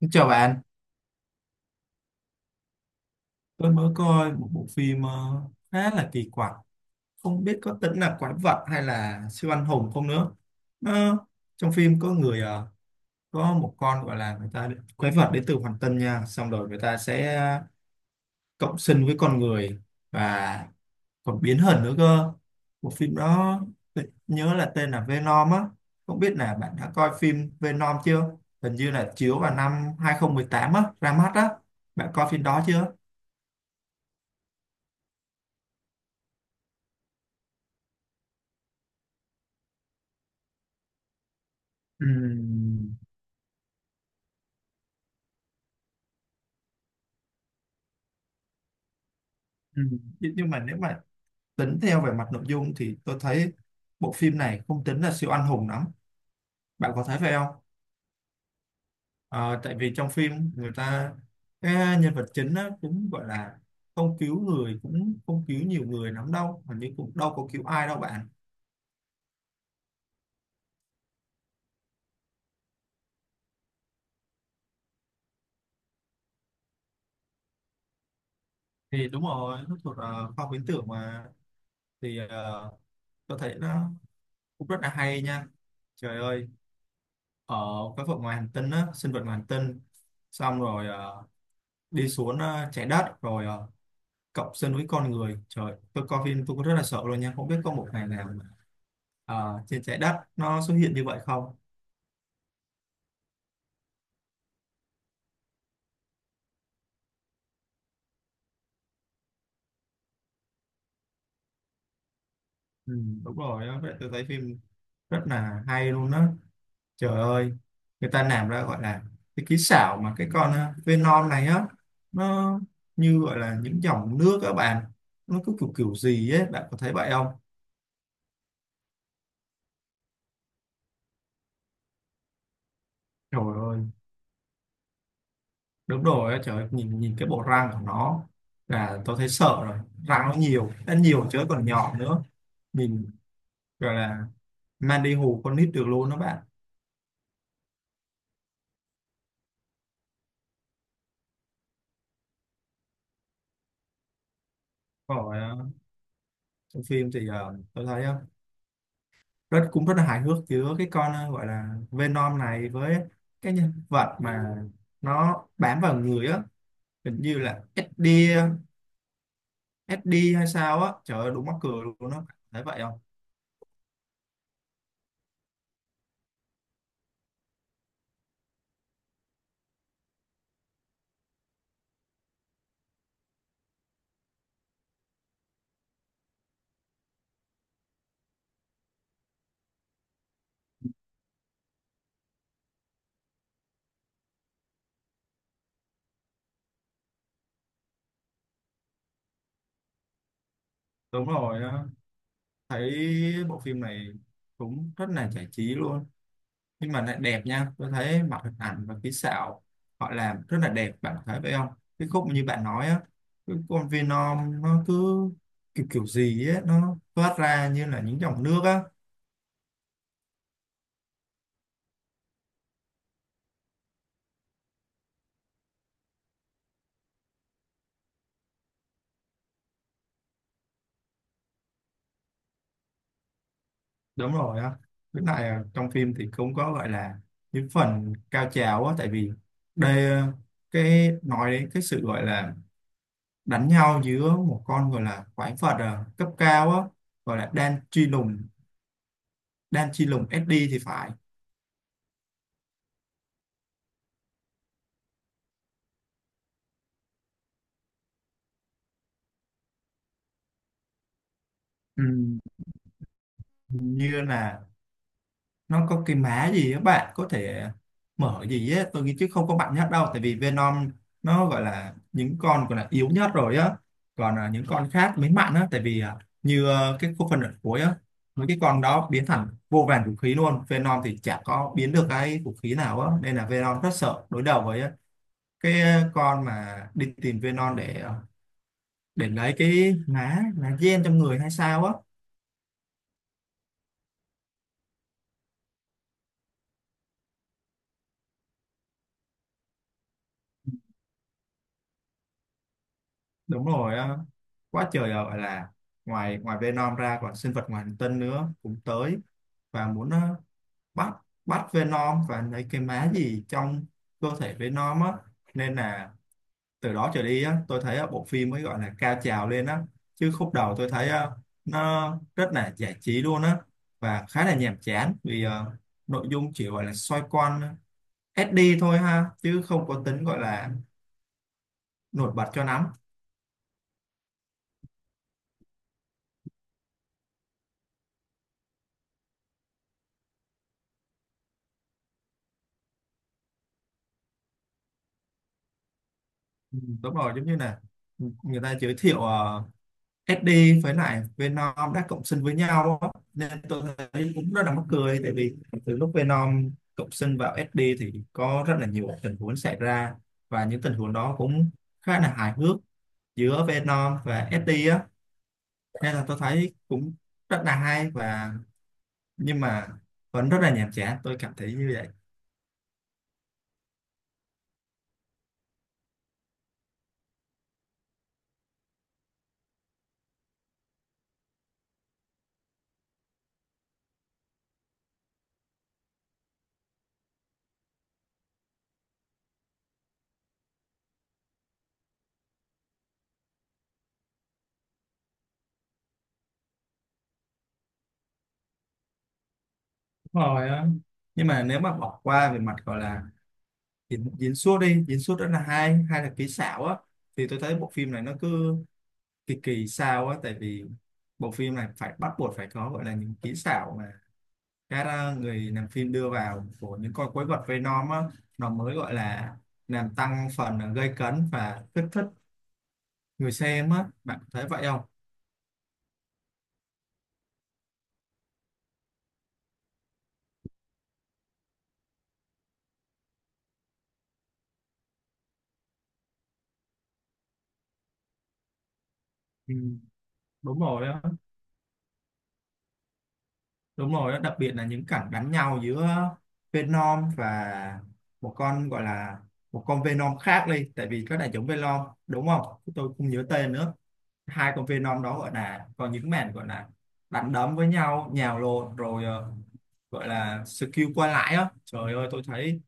Xin chào bạn. Tôi mới coi một bộ phim khá là kỳ quặc, không biết có tính là quái vật hay là siêu anh hùng không nữa. Nó, trong phim có người có một con gọi là người ta quái vật đến từ hoàng tân nha, xong rồi người ta sẽ cộng sinh với con người và còn biến hình nữa cơ. Bộ phim đó tôi nhớ là tên là Venom á, không biết là bạn đã coi phim Venom chưa? Hình như là chiếu vào năm 2018 á, ra mắt á. Bạn coi phim đó chưa? Ừ. Ừ. Nhưng mà nếu mà tính theo về mặt nội dung thì tôi thấy bộ phim này không tính là siêu anh hùng lắm. Bạn có thấy phải không? Ờ, tại vì trong phim người ta cái nhân vật chính á, cũng gọi là không cứu người cũng không cứu nhiều người lắm đâu, hình như cũng đâu có cứu ai đâu bạn. Thì đúng rồi, nó thuộc khoa học viễn tưởng mà thì tôi thấy nó cũng rất là hay nha. Trời ơi, ở cái vực ngoài hành tinh á, sinh vật ngoài hành tinh xong rồi đi xuống trái đất rồi cộng sinh với con người, trời tôi coi phim tôi có rất là sợ luôn nha, không biết có một ngày nào mà, trên trái đất nó xuất hiện như vậy không. Ừ, đúng rồi đó. Vậy tôi thấy phim rất là hay luôn đó. Trời ơi, người ta làm ra gọi là cái kỹ xảo mà cái con Venom này á, nó như gọi là những dòng nước các bạn, nó cứ kiểu kiểu gì ấy bạn có thấy vậy không? Trời ơi đúng rồi á, trời ơi, nhìn nhìn cái bộ răng của nó là tôi thấy sợ rồi, răng nó nhiều chứ còn nhỏ nữa, mình gọi là Mandy hù con nít được luôn đó bạn. Còn trong phim thì tôi thấy rất cũng rất là hài hước giữa cái con gọi là Venom này với cái nhân vật mà nó bám vào người á, hình như là Eddie Eddie hay sao á, trời ơi đúng mắc cười luôn đó, thấy vậy không? Đúng rồi thấy bộ phim này cũng rất là giải trí luôn, nhưng mà lại đẹp nha, tôi thấy mặt hình ảnh và kỹ xảo họ làm rất là đẹp, bạn thấy vậy không? Cái khúc như bạn nói á, cái con Venom nó cứ kiểu kiểu gì á, nó thoát ra như là những dòng nước á. Đúng rồi á, cái này à, trong phim thì cũng có gọi là những phần cao trào á, tại vì đây à, cái nói đến cái sự gọi là đánh nhau giữa một con gọi là quái vật à, cấp cao á, gọi là Dan Chi Lùng, Dan Chi Lùng SD thì phải. Ừ, như là nó có cái mã gì á bạn có thể mở gì á, tôi nghĩ chứ không có mạnh nhất đâu, tại vì Venom nó gọi là những con gọi là yếu nhất rồi á, còn à, những con khác mới mạnh á, tại vì à, như à, cái khúc phần ở cuối á mấy cái con đó biến thành vô vàn vũ khí luôn, Venom thì chả có biến được cái vũ khí nào á nên là Venom rất sợ đối đầu với á. Cái à, con mà đi tìm Venom để à, để lấy cái má lá gen trong người hay sao á. Đúng rồi á, quá trời à, gọi là ngoài ngoài Venom ra còn sinh vật ngoài hành tinh nữa cũng tới và muốn bắt bắt Venom và lấy cái má gì trong cơ thể Venom á, nên là từ đó trở đi á tôi thấy bộ phim mới gọi là cao trào lên á, chứ khúc đầu tôi thấy nó rất là giải trí luôn á và khá là nhàm chán vì nội dung chỉ gọi là xoay quanh SD thôi ha, chứ không có tính gọi là nổi bật cho lắm. Ừ, đúng rồi giống như là người ta giới thiệu SD với lại Venom đã cộng sinh với nhau á. Nên tôi thấy cũng rất là mắc cười tại vì từ lúc Venom cộng sinh vào SD thì có rất là nhiều tình huống xảy ra, và những tình huống đó cũng khá là hài hước giữa Venom và SD á, nên là tôi thấy cũng rất là hay và nhưng mà vẫn rất là nhàm chán, tôi cảm thấy như vậy. Đúng rồi á, nhưng mà nếu mà bỏ qua về mặt gọi là diễn diễn xuất đi, diễn xuất đó là hai hai là kỹ xảo á, thì tôi thấy bộ phim này nó cứ kỳ kỳ sao á, tại vì bộ phim này phải bắt buộc phải có gọi là những kỹ xảo mà các người làm phim đưa vào của những con quái vật Venom á, nó mới gọi là làm tăng phần à, gây cấn và kích thích người xem á, bạn thấy vậy không? Ừ, đúng rồi á. Đúng rồi, đó, đặc biệt là những cảnh đánh nhau giữa Venom và một con gọi là một con Venom khác đi, tại vì có đại chúng Venom đúng không? Tôi không nhớ tên nữa. Hai con Venom đó gọi là còn những màn gọi là đánh đấm với nhau, nhào lộn rồi gọi là skill qua lại á. Trời ơi, tôi thấy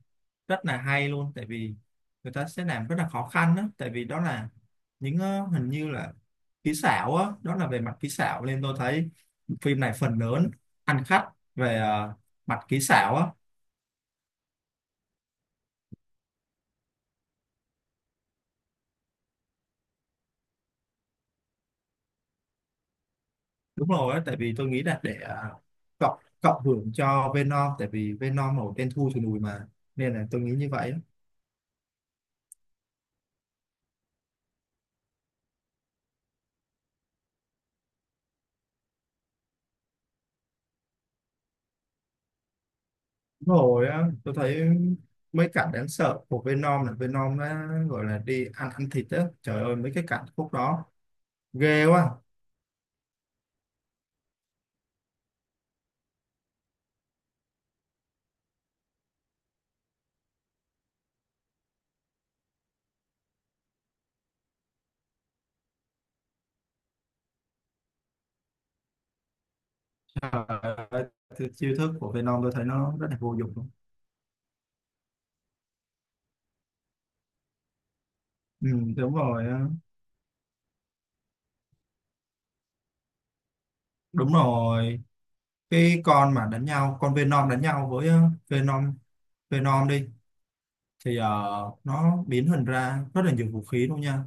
rất là hay luôn tại vì người ta sẽ làm rất là khó khăn đó tại vì đó là những hình như là kỹ xảo á, đó là về mặt kỹ xảo nên tôi thấy phim này phần lớn ăn khách về mặt kỹ xảo á. Đúng rồi á, tại vì tôi nghĩ là để cộng cộng hưởng cho Venom, tại vì Venom màu đen thui thì lùi mà, nên là tôi nghĩ như vậy á. Đúng rồi á tôi thấy mấy cảnh đáng sợ của Venom là Venom nó gọi là đi ăn ăn thịt á, trời ơi mấy cái cảnh khúc đó ghê quá. Đấy, thì chiêu thức của Venom tôi thấy nó rất là vô dụng luôn. Ừ, đúng rồi á. Đúng rồi, cái con mà đánh nhau con Venom đánh nhau với Venom Venom đi thì nó biến hình ra rất là nhiều vũ khí luôn nha,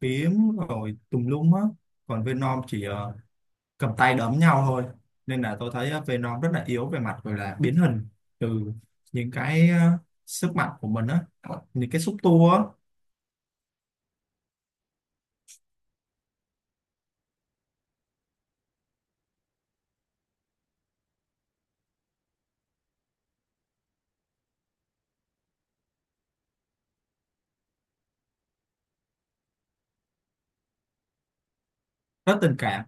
kiếm rồi tùm lum á, còn Venom chỉ cầm tay đấm nhau thôi, nên là tôi thấy Venom rất là yếu về mặt gọi là biến hình từ những cái sức mạnh của mình á, những cái xúc tua á. Rất tình cảm.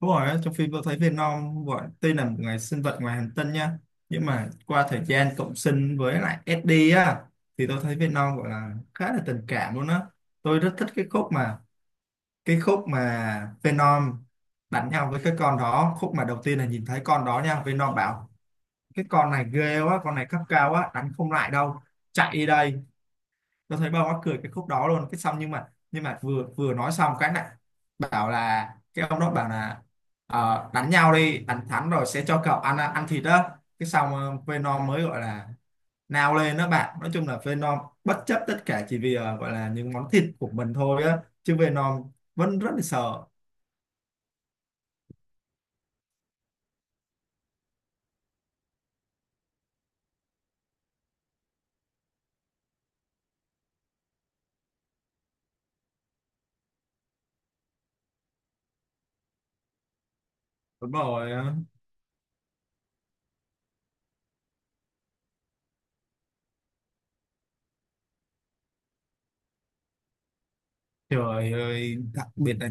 Đúng rồi, á, trong phim tôi thấy Venom gọi tuy là một người sinh vật ngoài hành tinh nha, nhưng mà qua thời gian cộng sinh với lại Eddie á thì tôi thấy Venom gọi là khá là tình cảm luôn á. Tôi rất thích cái khúc mà Venom đánh nhau với cái con đó, khúc mà đầu tiên là nhìn thấy con đó nha, Venom bảo cái con này ghê quá, con này cấp cao quá đánh không lại đâu, chạy đi đây. Tôi thấy bao mắc cười cái khúc đó luôn, cái xong nhưng mà vừa vừa nói xong cái này bảo là cái ông đó bảo là "Ờ, đánh nhau đi, đánh thắng rồi sẽ cho cậu ăn ăn thịt đó." Cái xong Venom mới gọi là nào lên đó bạn, nói chung là Venom bất chấp tất cả chỉ vì gọi là những món thịt của mình thôi á, chứ Venom vẫn rất là sợ. Đúng rồi ờ. Trời ơi đặc biệt là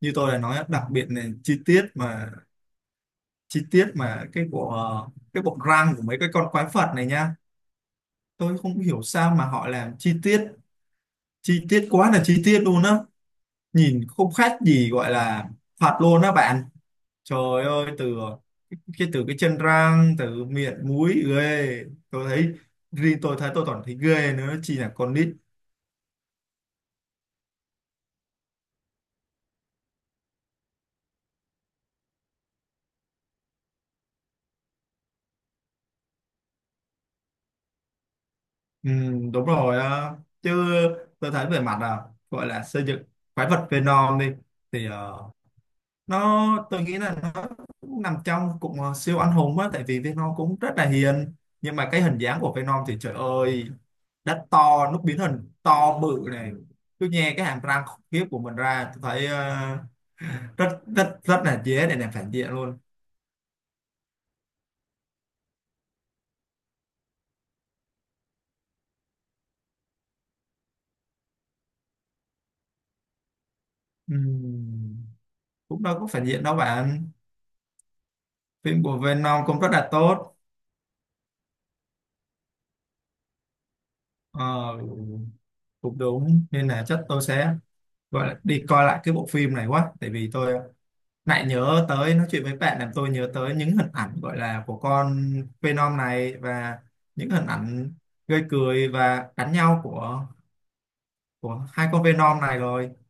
như tôi đã nói á, đặc biệt là chi tiết mà cái bộ cái bộ răng của mấy cái con quái vật này nha, tôi không hiểu sao mà họ làm chi tiết, quá là chi tiết luôn á, nhìn không khác gì gọi là thật luôn á bạn. Trời ơi từ cái chân răng từ miệng mũi ghê, tôi thấy riêng tôi thấy tôi còn thấy ghê nữa chi là con nít. Ừ, đúng rồi á. Chứ tôi thấy về mặt là gọi là xây dựng quái vật Venom đi thì nó tôi nghĩ là nó cũng nằm trong cụm siêu anh hùng á, tại vì Venom cũng rất là hiền, nhưng mà cái hình dáng của Venom thì trời ơi đất to, nó biến hình to bự này, tôi nghe cái hàm răng khủng khiếp của mình ra tôi thấy rất rất rất là dễ để làm phản diện luôn. Ừm, cũng đâu có phản diện đâu bạn, phim của Venom cũng rất là tốt. Ờ, cũng đúng nên là chắc tôi sẽ gọi là đi coi lại cái bộ phim này quá, tại vì tôi lại nhớ tới nói chuyện với bạn làm tôi nhớ tới những hình ảnh gọi là của con Phenom này và những hình ảnh gây cười và đánh nhau của hai con Venom này rồi.